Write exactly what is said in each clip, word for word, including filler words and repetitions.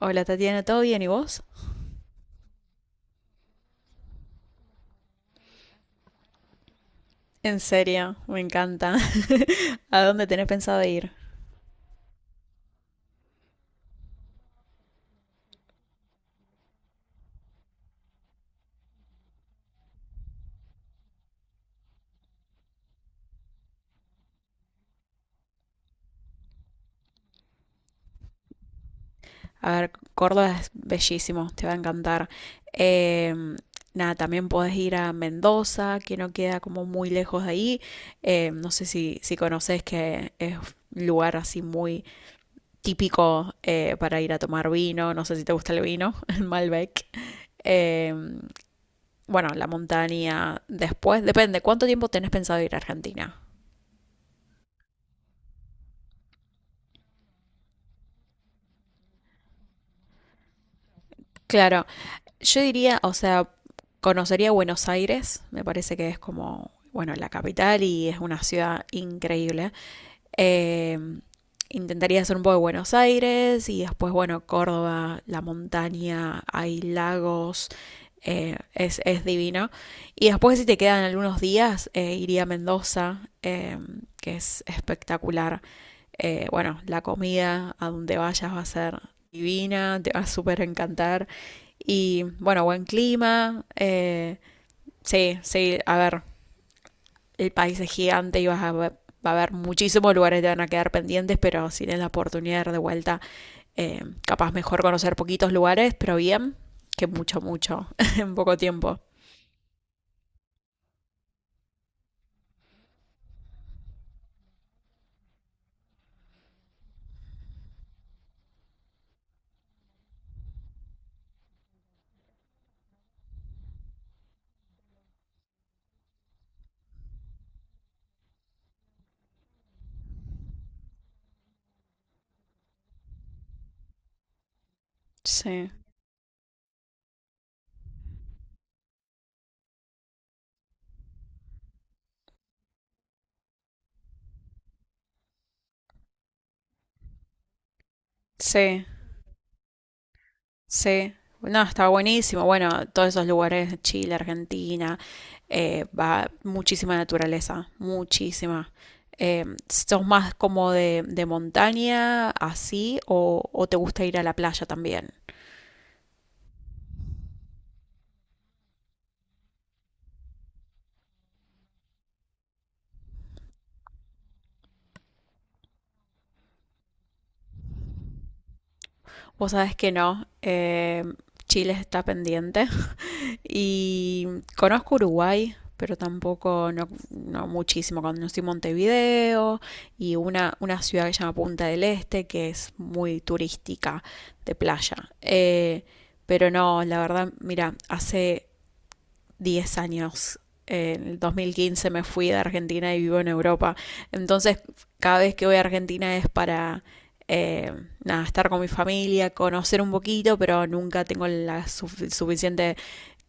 Hola Tatiana, ¿todo bien y vos? En serio, me encanta. ¿A dónde tenés pensado ir? A ver, Córdoba es bellísimo, te va a encantar. Eh, Nada, también podés ir a Mendoza, que no queda como muy lejos de ahí. Eh, no sé si, si conoces que es un lugar así muy típico eh, para ir a tomar vino. No sé si te gusta el vino, el Malbec. Eh, bueno, la montaña después, depende, ¿cuánto tiempo tenés pensado ir a Argentina? Claro, yo diría, o sea, conocería Buenos Aires, me parece que es como, bueno, la capital y es una ciudad increíble. Eh, Intentaría hacer un poco de Buenos Aires y después, bueno, Córdoba, la montaña, hay lagos, eh, es, es divino. Y después, si te quedan algunos días, eh, iría a Mendoza, eh, que es espectacular. Eh, bueno, la comida a donde vayas va a ser divina, te va a súper encantar. Y bueno, buen clima. Eh, sí, sí, a ver, el país es gigante y vas a ver- va a haber muchísimos lugares que te van a quedar pendientes, pero si tienes la oportunidad de ir de vuelta, eh, capaz mejor conocer poquitos lugares, pero bien, que mucho, mucho, en poco tiempo. Sí, sí, sí. No, está buenísimo. Bueno, todos esos lugares, Chile, Argentina, eh, va muchísima naturaleza, muchísima. Eh, ¿Sos más como de, de, montaña, así, o, o te gusta ir a la playa también? Vos sabés que no, eh, Chile está pendiente y conozco Uruguay, pero tampoco, no, no muchísimo. Conocí Montevideo y una, una ciudad que se llama Punta del Este, que es muy turística de playa. Eh, pero no, la verdad, mira, hace diez años. En el dos mil quince me fui de Argentina y vivo en Europa. Entonces, cada vez que voy a Argentina es para eh, nada, estar con mi familia, conocer un poquito, pero nunca tengo la suficiente,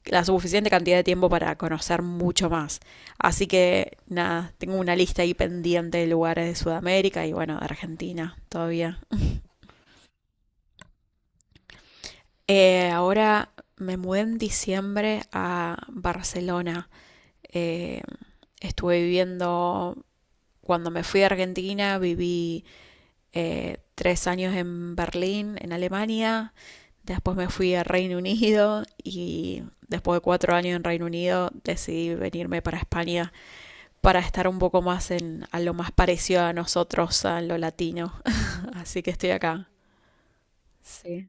la suficiente cantidad de tiempo para conocer mucho más. Así que nada, tengo una lista ahí pendiente de lugares de Sudamérica y bueno, de Argentina todavía. Eh, ahora me mudé en diciembre a Barcelona. Eh, estuve viviendo Cuando me fui a Argentina viví eh, tres años en Berlín, en Alemania, después me fui a Reino Unido y después de cuatro años en Reino Unido decidí venirme para España para estar un poco más en a lo más parecido a nosotros, a lo latino. Así que estoy acá. Sí.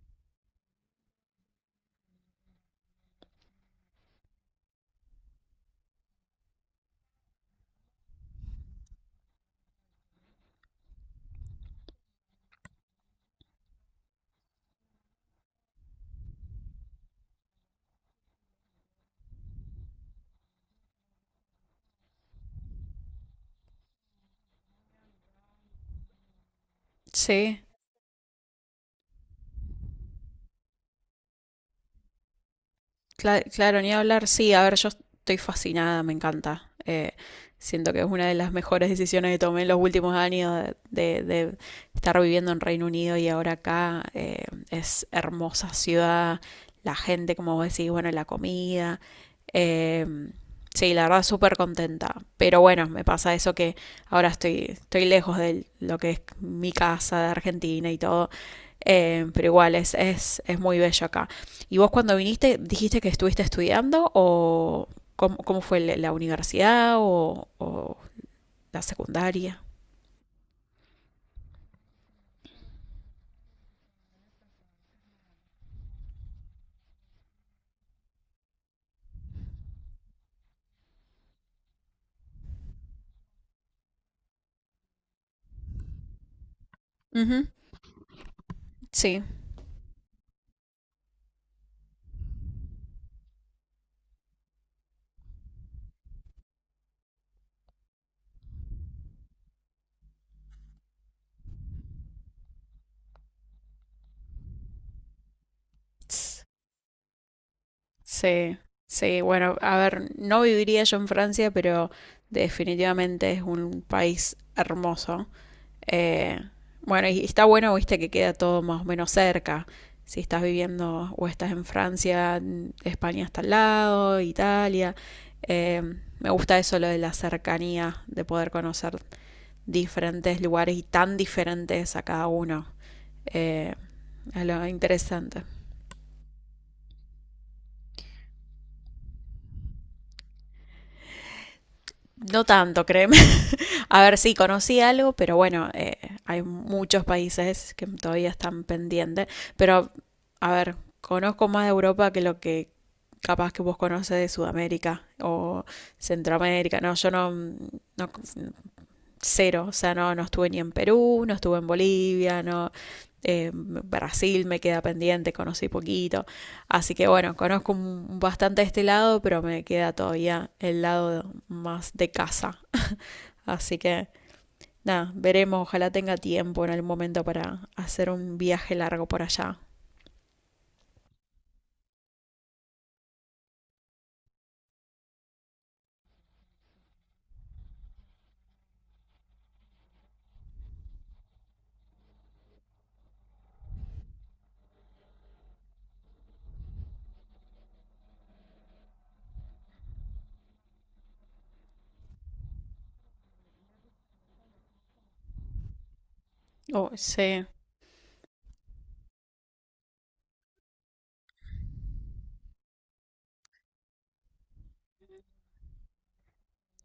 Sí, Cla- claro, ni hablar. Sí, a ver, yo estoy fascinada, me encanta. Eh, siento que es una de las mejores decisiones que tomé en los últimos años de, de- estar viviendo en Reino Unido y ahora acá. Eh, es hermosa ciudad, la gente, como vos decís, bueno, la comida. Eh, sí, la verdad, súper contenta. Pero bueno, me pasa eso que ahora estoy, estoy lejos de lo que es mi casa de Argentina y todo. Eh, pero igual, es, es, es muy bello acá. ¿Y vos cuando viniste, dijiste que estuviste estudiando o cómo, cómo fue la la universidad o, o la secundaria? Ujú, sí, S- sí, sí. Bueno, a ver, no viviría yo en Francia, pero definitivamente es un país hermoso. Eh, bueno, y está bueno, viste, que queda todo más o menos cerca. Si estás viviendo o estás en Francia, España está al lado, Italia. Eh, Me gusta eso, lo de la cercanía, de poder conocer diferentes lugares y tan diferentes a cada uno. Eh, es lo interesante. No tanto, créeme. A ver, sí, conocí algo, pero bueno, eh, hay muchos países que todavía están pendientes. Pero, a ver, conozco más de Europa que lo que capaz que vos conoces de Sudamérica o Centroamérica. No, yo no, no cero, o sea, no, no estuve ni en Perú, no estuve en Bolivia, no, eh, Brasil me queda pendiente, conocí poquito. Así que bueno, conozco un- bastante este lado, pero me queda todavía el lado más de casa. Así que nada, veremos, ojalá tenga tiempo en algún momento para hacer un viaje largo por allá. Oh, sí,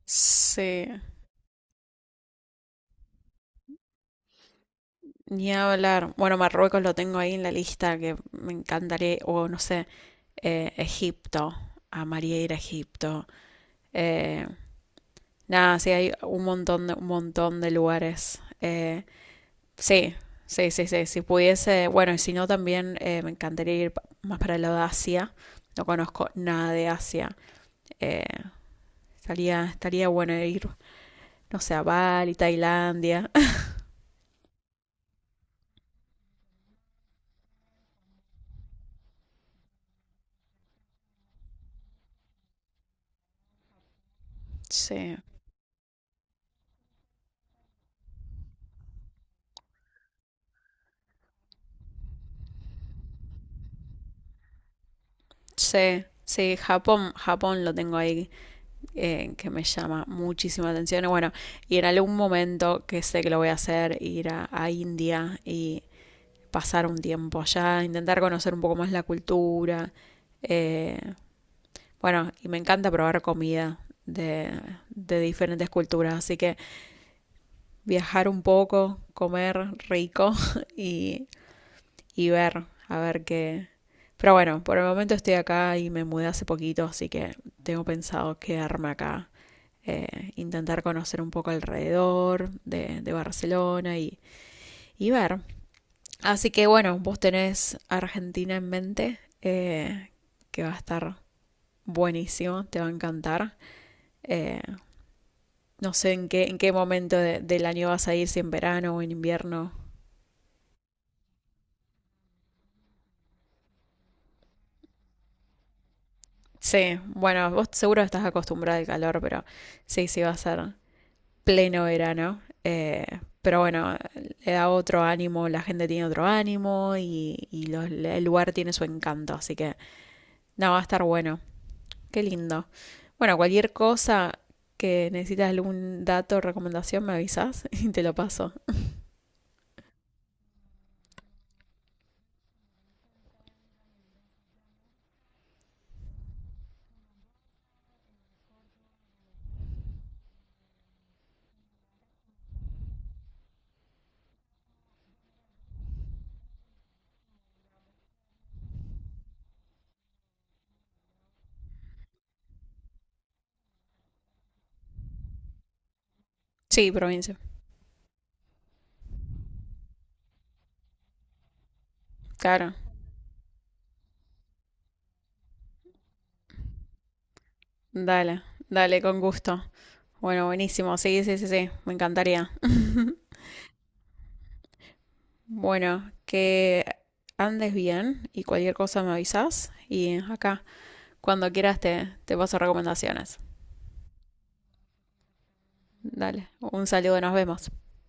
sí. Ni hablar. Bueno, Marruecos lo tengo ahí en la lista que me encantaría, o no sé, eh, Egipto. Amaría ir a Egipto. Eh, nada, sí, hay un montón de, un montón de lugares. Eh, sí, sí, sí, sí. Si pudiese, bueno, y si no, también eh, me encantaría ir pa- más para el lado de Asia. No conozco nada de Asia. Eh, estaría, estaría bueno ir, no sé, a Bali, Tailandia. Sí, sí, sí, Japón, Japón lo tengo ahí eh, que me llama muchísima atención. Y bueno, y en algún momento que sé que lo voy a hacer, ir a, a India y pasar un tiempo allá, intentar conocer un poco más la cultura. Eh, bueno, y me encanta probar comida de, de diferentes culturas, así que viajar un poco, comer rico y, y ver, a ver qué. Pero bueno, por el momento estoy acá y me mudé hace poquito, así que tengo pensado quedarme acá eh, intentar conocer un poco alrededor de, de Barcelona y, y, ver. Así que bueno, vos tenés Argentina en mente, eh, que va a estar buenísimo, te va a encantar. Eh, no sé en qué, en qué momento de, del año vas a ir, si en verano o en invierno. Sí, bueno, vos seguro estás acostumbrada al calor, pero sí, sí va a ser pleno verano. Eh, pero bueno, le da otro ánimo, la gente tiene otro ánimo y, y los- el lugar tiene su encanto. Así que no, va a estar bueno. Qué lindo. Bueno, cualquier cosa que necesitas algún dato recomendación, me avisas y te lo paso. Sí, provincia. Claro. Dale, dale, con gusto. Bueno, buenísimo. Sí, sí, sí, sí. Me encantaría. Bueno, que andes bien y cualquier cosa me avisas. Y acá, cuando quieras, te, te paso recomendaciones. Dale, un saludo, nos vemos.